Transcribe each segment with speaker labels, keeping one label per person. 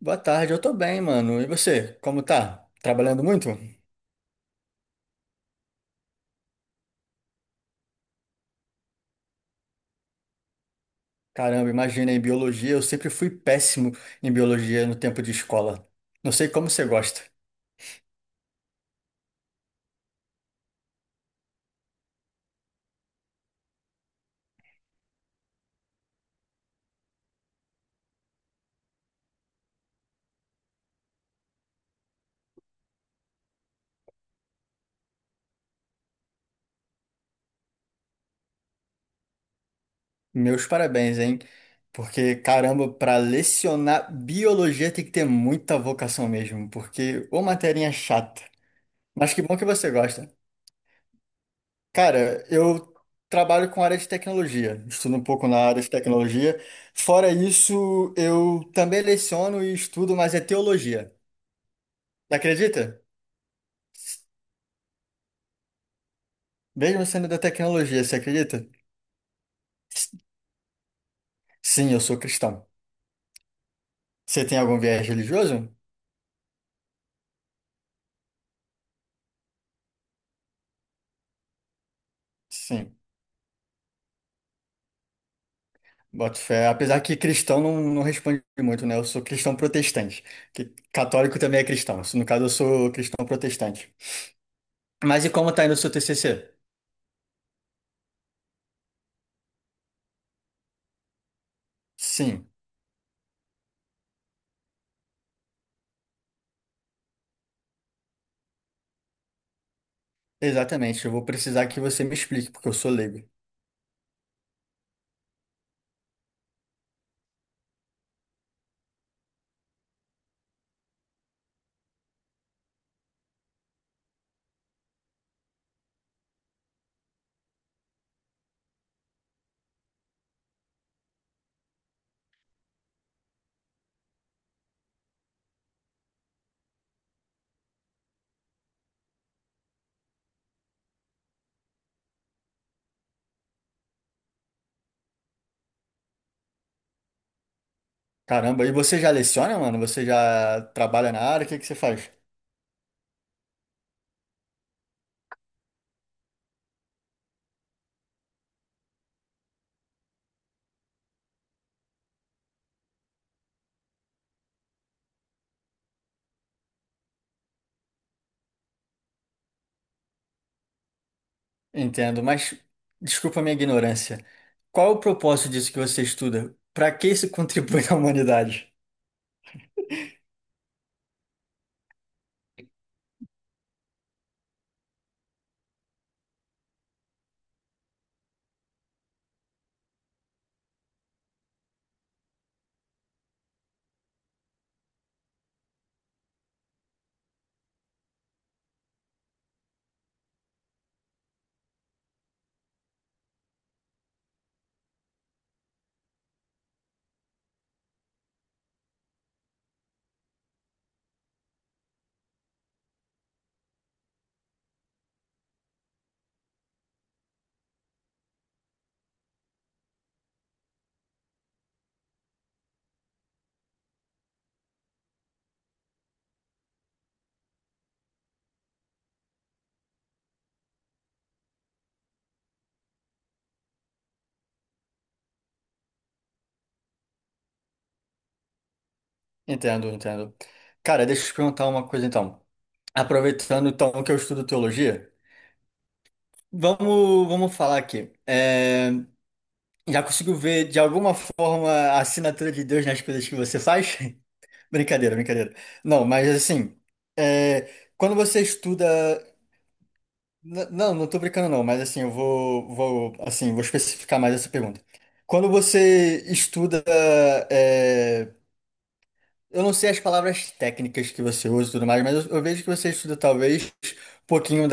Speaker 1: Boa tarde, eu tô bem, mano. E você, como tá? Trabalhando muito? Caramba, imagina, em biologia, eu sempre fui péssimo em biologia no tempo de escola. Não sei como você gosta. Meus parabéns, hein? Porque, caramba, para lecionar biologia tem que ter muita vocação mesmo, porque ô matéria chata. Mas que bom que você gosta. Cara, eu trabalho com área de tecnologia, estudo um pouco na área de tecnologia. Fora isso, eu também leciono e estudo, mas é teologia. Não acredita? Mesmo sendo da tecnologia, você acredita? Sim, eu sou cristão. Você tem algum viés religioso? Sim, boto fé. Apesar que cristão não responde muito, né? Eu sou cristão protestante. Que católico também é cristão. No caso, eu sou cristão protestante. Mas e como tá indo o seu TCC? Sim, exatamente. Eu vou precisar que você me explique, porque eu sou leigo. Caramba, e você já leciona, mano? Você já trabalha na área? O que que você faz? Entendo, mas desculpa a minha ignorância. Qual é o propósito disso que você estuda? Para que isso contribui à humanidade? Entendo, entendo. Cara, deixa eu te perguntar uma coisa então. Aproveitando então que eu estudo teologia, vamos falar aqui. Já conseguiu ver de alguma forma a assinatura de Deus nas coisas que você faz? Brincadeira. Não, mas assim, é, quando você estuda Não, não tô brincando não, mas assim, eu vou especificar mais essa pergunta. Quando você estuda, é, eu não sei as palavras técnicas que você usa e tudo mais, mas eu vejo que você estuda talvez um pouquinho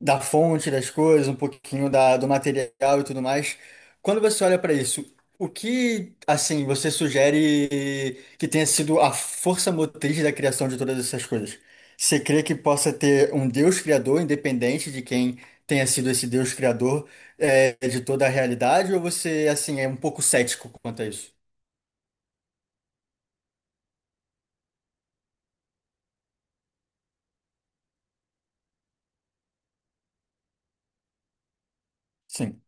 Speaker 1: da fonte das coisas, um pouquinho do material e tudo mais. Quando você olha para isso, o que, assim, você sugere que tenha sido a força motriz da criação de todas essas coisas? Você crê que possa ter um Deus criador, independente de quem tenha sido esse Deus criador, de toda a realidade? Ou você, assim, é um pouco cético quanto a isso? Sim.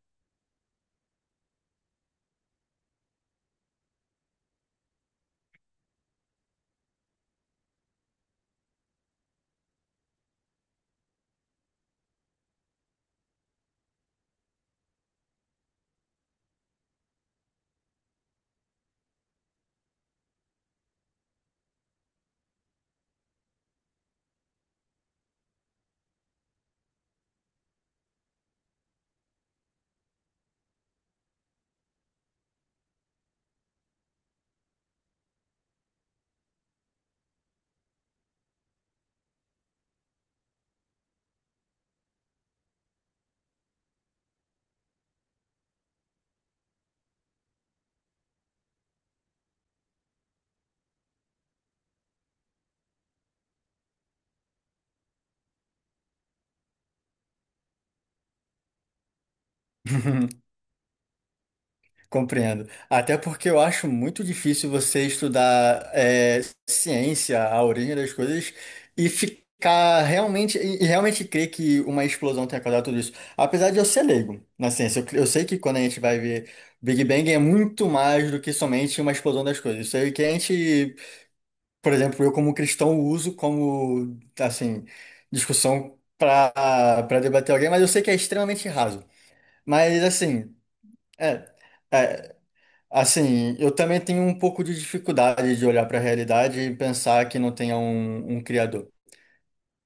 Speaker 1: Compreendo. Até porque eu acho muito difícil você estudar ciência, a origem das coisas, e ficar realmente, e realmente crer que uma explosão tenha causado tudo isso. Apesar de eu ser leigo na ciência, eu sei que quando a gente vai ver Big Bang é muito mais do que somente uma explosão das coisas. Isso aí que a gente, por exemplo, eu como cristão uso como, assim, discussão para debater alguém, mas eu sei que é extremamente raso. Mas, assim, é. É, assim, eu também tenho um pouco de dificuldade de olhar para a realidade e pensar que não tenha um criador.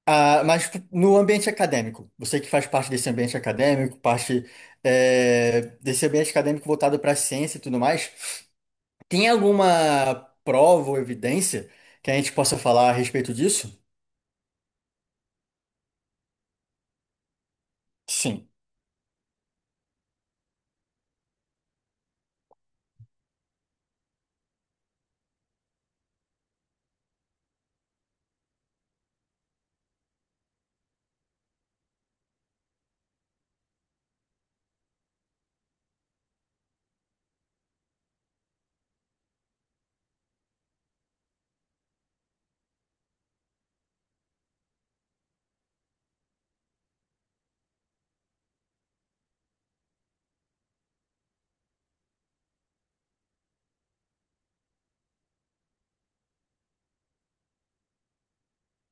Speaker 1: Ah, mas no ambiente acadêmico, você que faz parte desse ambiente acadêmico, parte desse ambiente acadêmico voltado para a ciência e tudo mais, tem alguma prova ou evidência que a gente possa falar a respeito disso? Sim,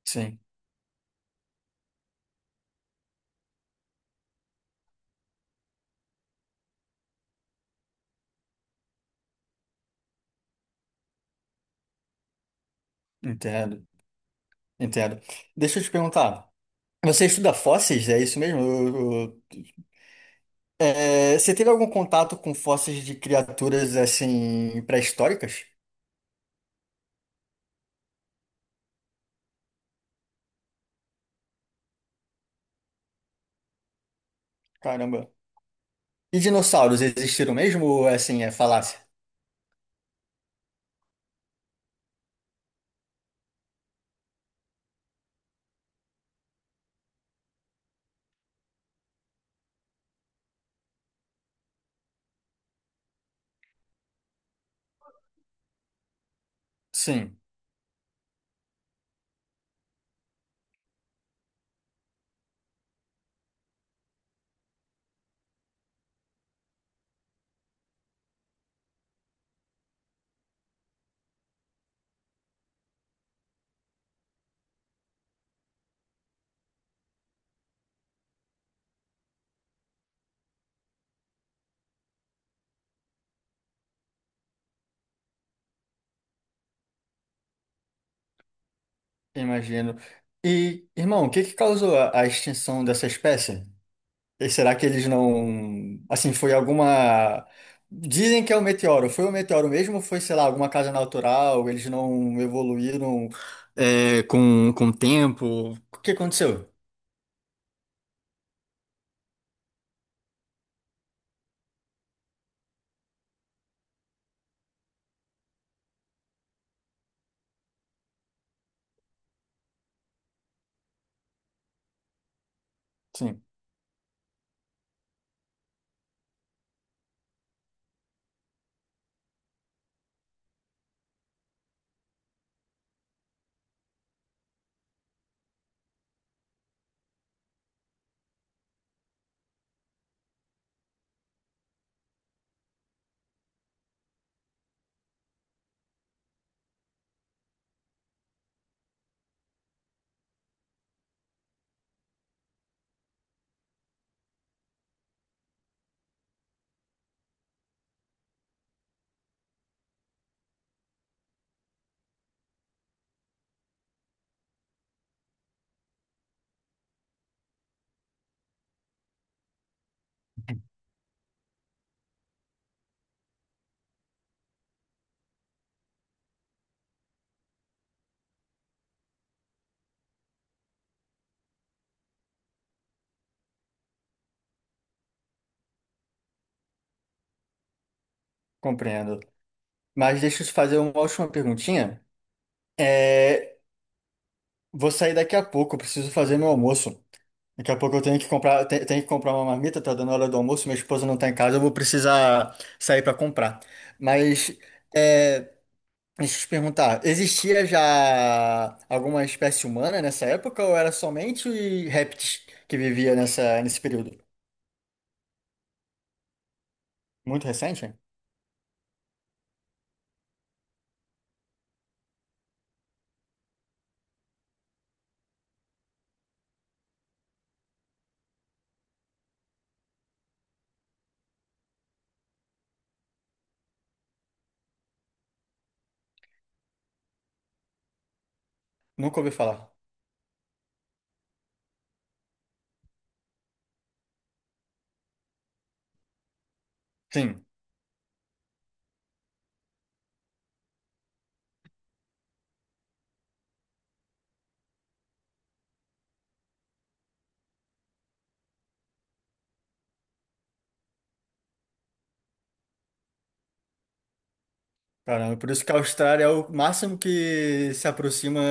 Speaker 1: sim, entendo, entendo. Deixa eu te perguntar, você estuda fósseis? É isso mesmo? É, você teve algum contato com fósseis de criaturas assim pré-históricas? Caramba. E dinossauros existiram mesmo ou assim é falácia? Sim, imagino. E, irmão, o que que causou a extinção dessa espécie? E será que eles não, assim, foi alguma. Dizem que é o meteoro. Foi o meteoro mesmo ou foi, sei lá, alguma casa natural? Eles não evoluíram com o tempo? O que aconteceu? Sim, compreendo. Mas deixa eu te fazer uma última perguntinha. É, vou sair daqui a pouco, eu preciso fazer meu almoço. Daqui a pouco eu tenho que comprar, te- tenho que comprar uma marmita, tá dando hora do almoço, minha esposa não tá em casa, eu vou precisar sair para comprar. Mas é, deixa eu te perguntar, existia já alguma espécie humana nessa época ou era somente répteis que vivia nesse período? Muito recente? Nunca ouvi falar. Sim. Caramba, por isso que a Austrália é o máximo que se aproxima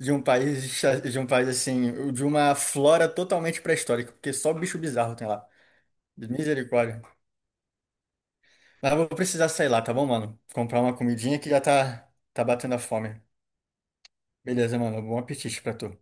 Speaker 1: de um país, de um país assim, de uma flora totalmente pré-histórica, porque só bicho bizarro tem lá. Misericórdia. Mas eu vou precisar sair lá, tá bom, mano? Comprar uma comidinha que já tá, tá batendo a fome. Beleza, mano. Bom apetite pra tu.